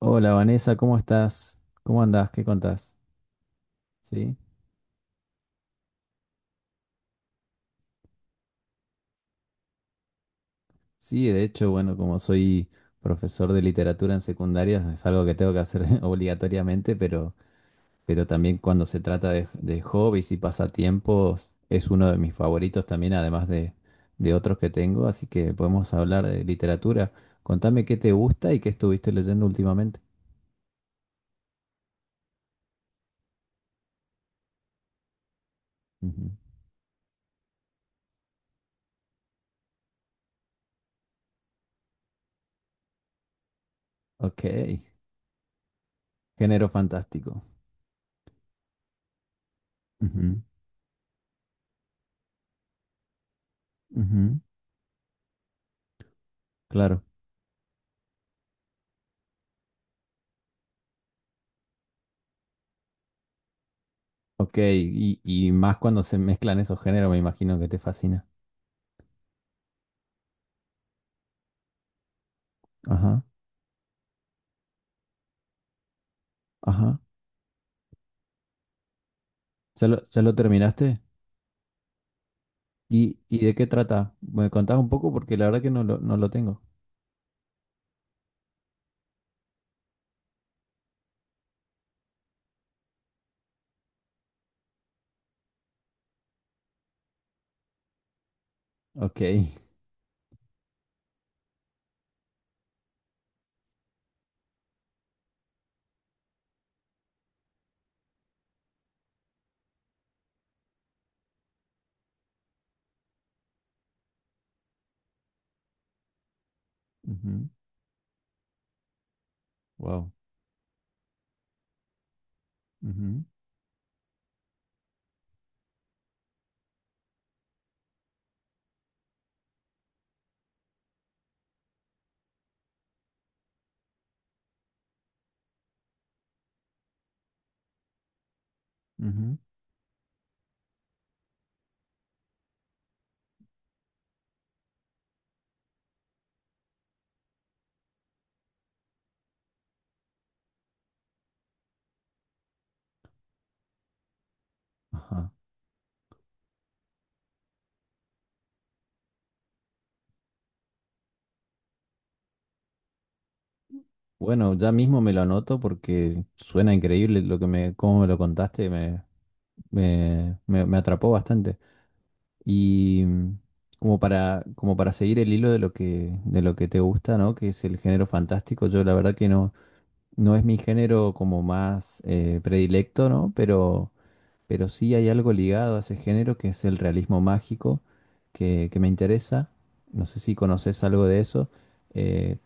Hola Vanessa, ¿cómo estás? ¿Cómo andás? ¿Qué contás? ¿Sí? Sí, de hecho, bueno, como soy profesor de literatura en secundarias, es algo que tengo que hacer obligatoriamente, pero también cuando se trata de hobbies y pasatiempos, es uno de mis favoritos también, de otros que tengo, así que podemos hablar de literatura. Contame qué te gusta y qué estuviste leyendo últimamente. Ujú. Ok, género fantástico. Ujú, ujú, claro. Ok, y más cuando se mezclan esos géneros, me imagino que te fascina. Ajá, ajá. Ya lo terminaste? Y de qué trata? ¿Me contás un poco? Porque la verdad que no lo tengo. Ok. Ujú. Wow. Ujú, ujú, ajá. Bueno, ya mismo me lo anoto porque suena increíble lo que me, cómo me lo contaste, me atrapó bastante. Y como para, como para seguir el hilo de de lo que te gusta, ¿no? Que es el género fantástico, yo la verdad que no. No es mi género como más predilecto, ¿no? Pero sí hay algo ligado a ese género que es el realismo mágico que me interesa. No sé si conoces algo de eso. Eh,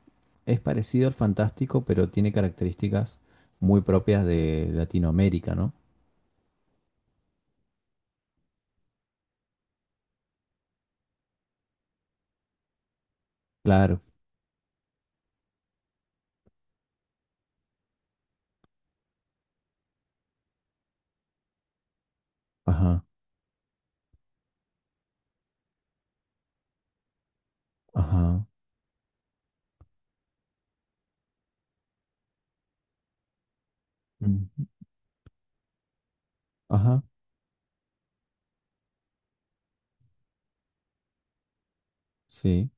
es parecido al fantástico, pero tiene características muy propias de Latinoamérica, ¿no? Claro. Ajá, ajá. Mm. Ajá, sí.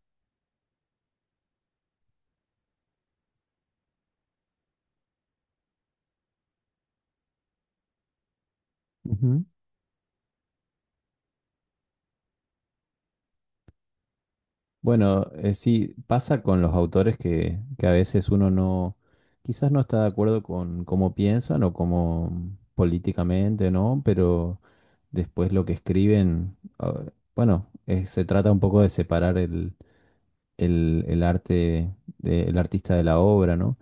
Bueno, sí, pasa con los autores que a veces uno no, quizás no está de acuerdo con cómo piensan o cómo políticamente, ¿no? Pero después lo que escriben, ah, bueno, se trata un poco de separar el arte del artista de la obra, ¿no?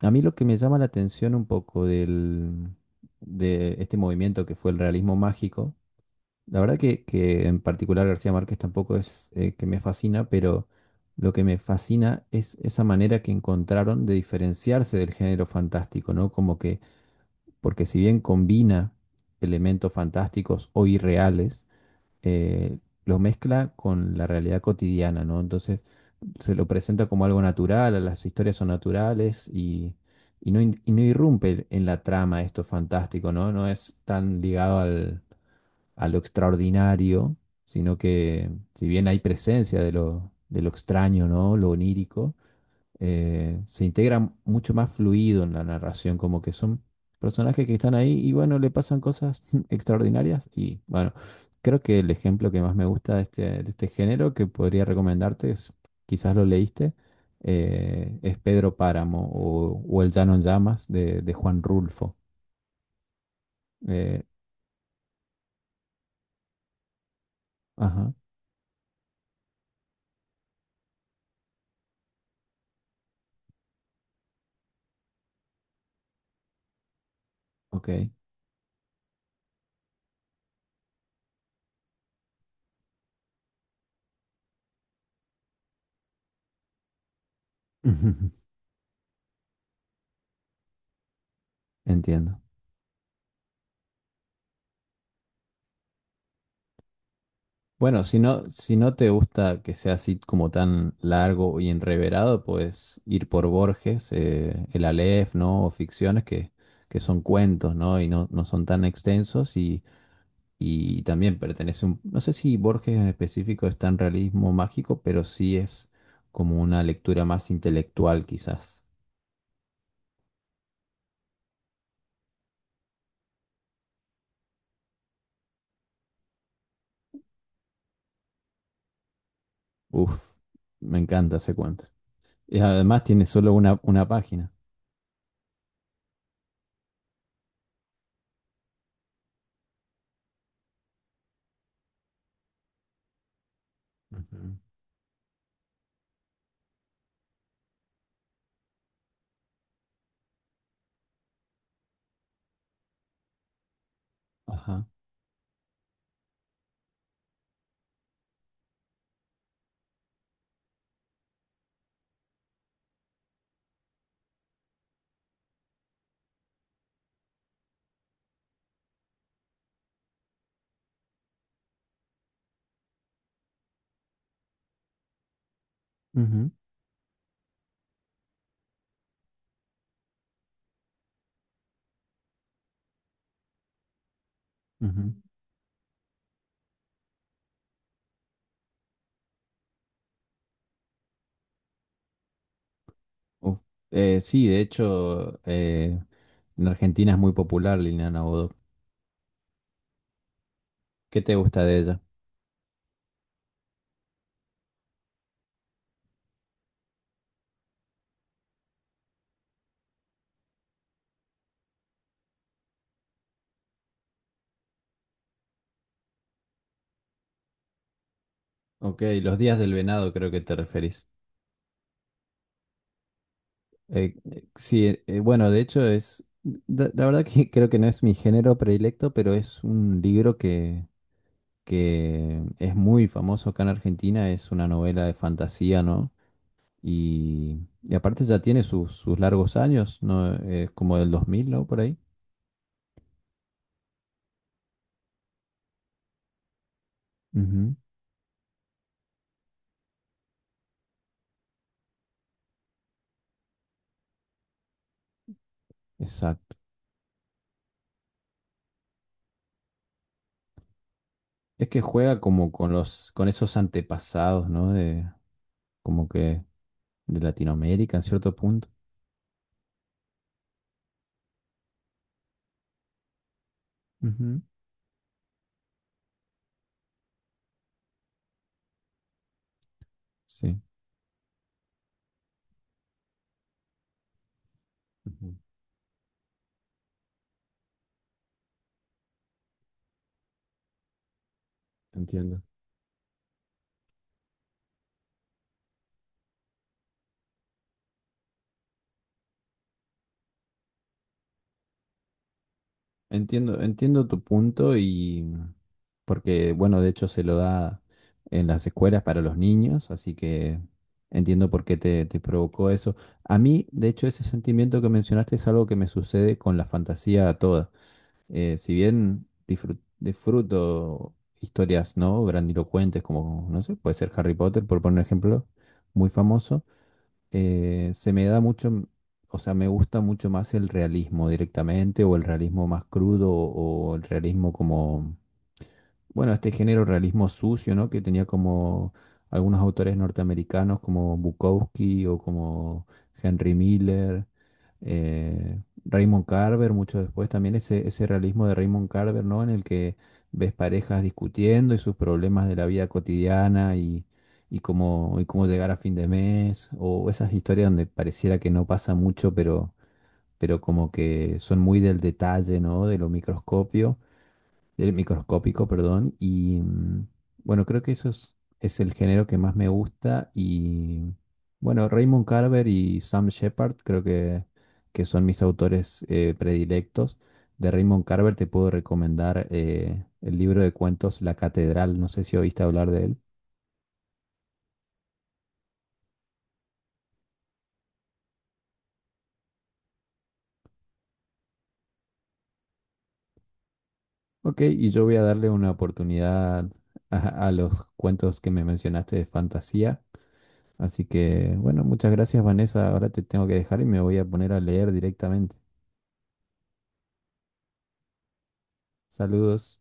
A mí lo que me llama la atención un poco del, de este movimiento que fue el realismo mágico, la verdad que en particular García Márquez tampoco es que me fascina, pero lo que me fascina es esa manera que encontraron de diferenciarse del género fantástico, ¿no? Como que, porque si bien combina elementos fantásticos o irreales, eh, lo mezcla con la realidad cotidiana, ¿no? Entonces se lo presenta como algo natural, las historias son naturales y no, y no irrumpe en la trama esto fantástico, ¿no? No es tan ligado al a lo extraordinario, sino que si bien hay presencia de de lo extraño, ¿no? Lo onírico, se integra mucho más fluido en la narración, como que son personajes que están ahí y bueno, le pasan cosas extraordinarias y bueno, creo que el ejemplo que más me gusta de de este género que podría recomendarte es, quizás lo leíste, es Pedro Páramo o El Llano en Llamas de Juan Rulfo. Eh, ajá, ok. Entiendo. Bueno, si no, si no te gusta que sea así como tan largo y enreverado, puedes ir por Borges, el Aleph, ¿no? O ficciones que son cuentos, ¿no? Y no, no son tan extensos y también pertenece un... No sé si Borges en específico es tan realismo mágico, pero sí es como una lectura más intelectual quizás. Uf, me encanta ese cuento. Y además tiene solo una página. Ujú. Ajá. Ujú, ujú. Uf, sí, de hecho, en Argentina es muy popular Liliana Bodo. ¿Qué te gusta de ella? Ok, los días del venado creo que te referís. Sí, bueno, de hecho es, la verdad que creo que no es mi género predilecto, pero es un libro que es muy famoso acá en Argentina, es una novela de fantasía, ¿no? Y aparte ya tiene sus largos años, ¿no? Es como del 2000 ¿no? Por ahí. Ujú, exacto. Es que juega como con los, con esos antepasados, ¿no? De, como que de Latinoamérica en cierto punto. Ujú, sí, ujú, entiendo. Entiendo, entiendo tu punto y porque, bueno, de hecho se lo da en las escuelas para los niños, así que entiendo por qué te, te provocó eso. A mí, de hecho, ese sentimiento que mencionaste es algo que me sucede con la fantasía toda. Si bien disfruto historias, ¿no? Grandilocuentes, como, no sé, puede ser Harry Potter, por poner un ejemplo, muy famoso, se me da mucho, o sea, me gusta mucho más el realismo directamente, o el realismo más crudo, o el realismo como bueno, este género realismo sucio, ¿no? Que tenía como algunos autores norteamericanos como Bukowski o como Henry Miller, Raymond Carver, mucho después también ese realismo de Raymond Carver, ¿no? En el que ves parejas discutiendo y sus problemas de la vida cotidiana y cómo llegar a fin de mes, o esas historias donde pareciera que no pasa mucho, pero como que son muy del detalle, ¿no? De lo microscopio Del microscópico, perdón. Y bueno, creo que eso es el género que más me gusta. Y bueno, Raymond Carver y Sam Shepard creo que son mis autores predilectos. De Raymond Carver te puedo recomendar el libro de cuentos La Catedral. No sé si oíste hablar de él. Ok, y yo voy a darle una oportunidad a, a los cuentos que me mencionaste de fantasía. Así que, bueno, muchas gracias, Vanessa. Ahora te tengo que dejar y me voy a poner a leer directamente. Saludos.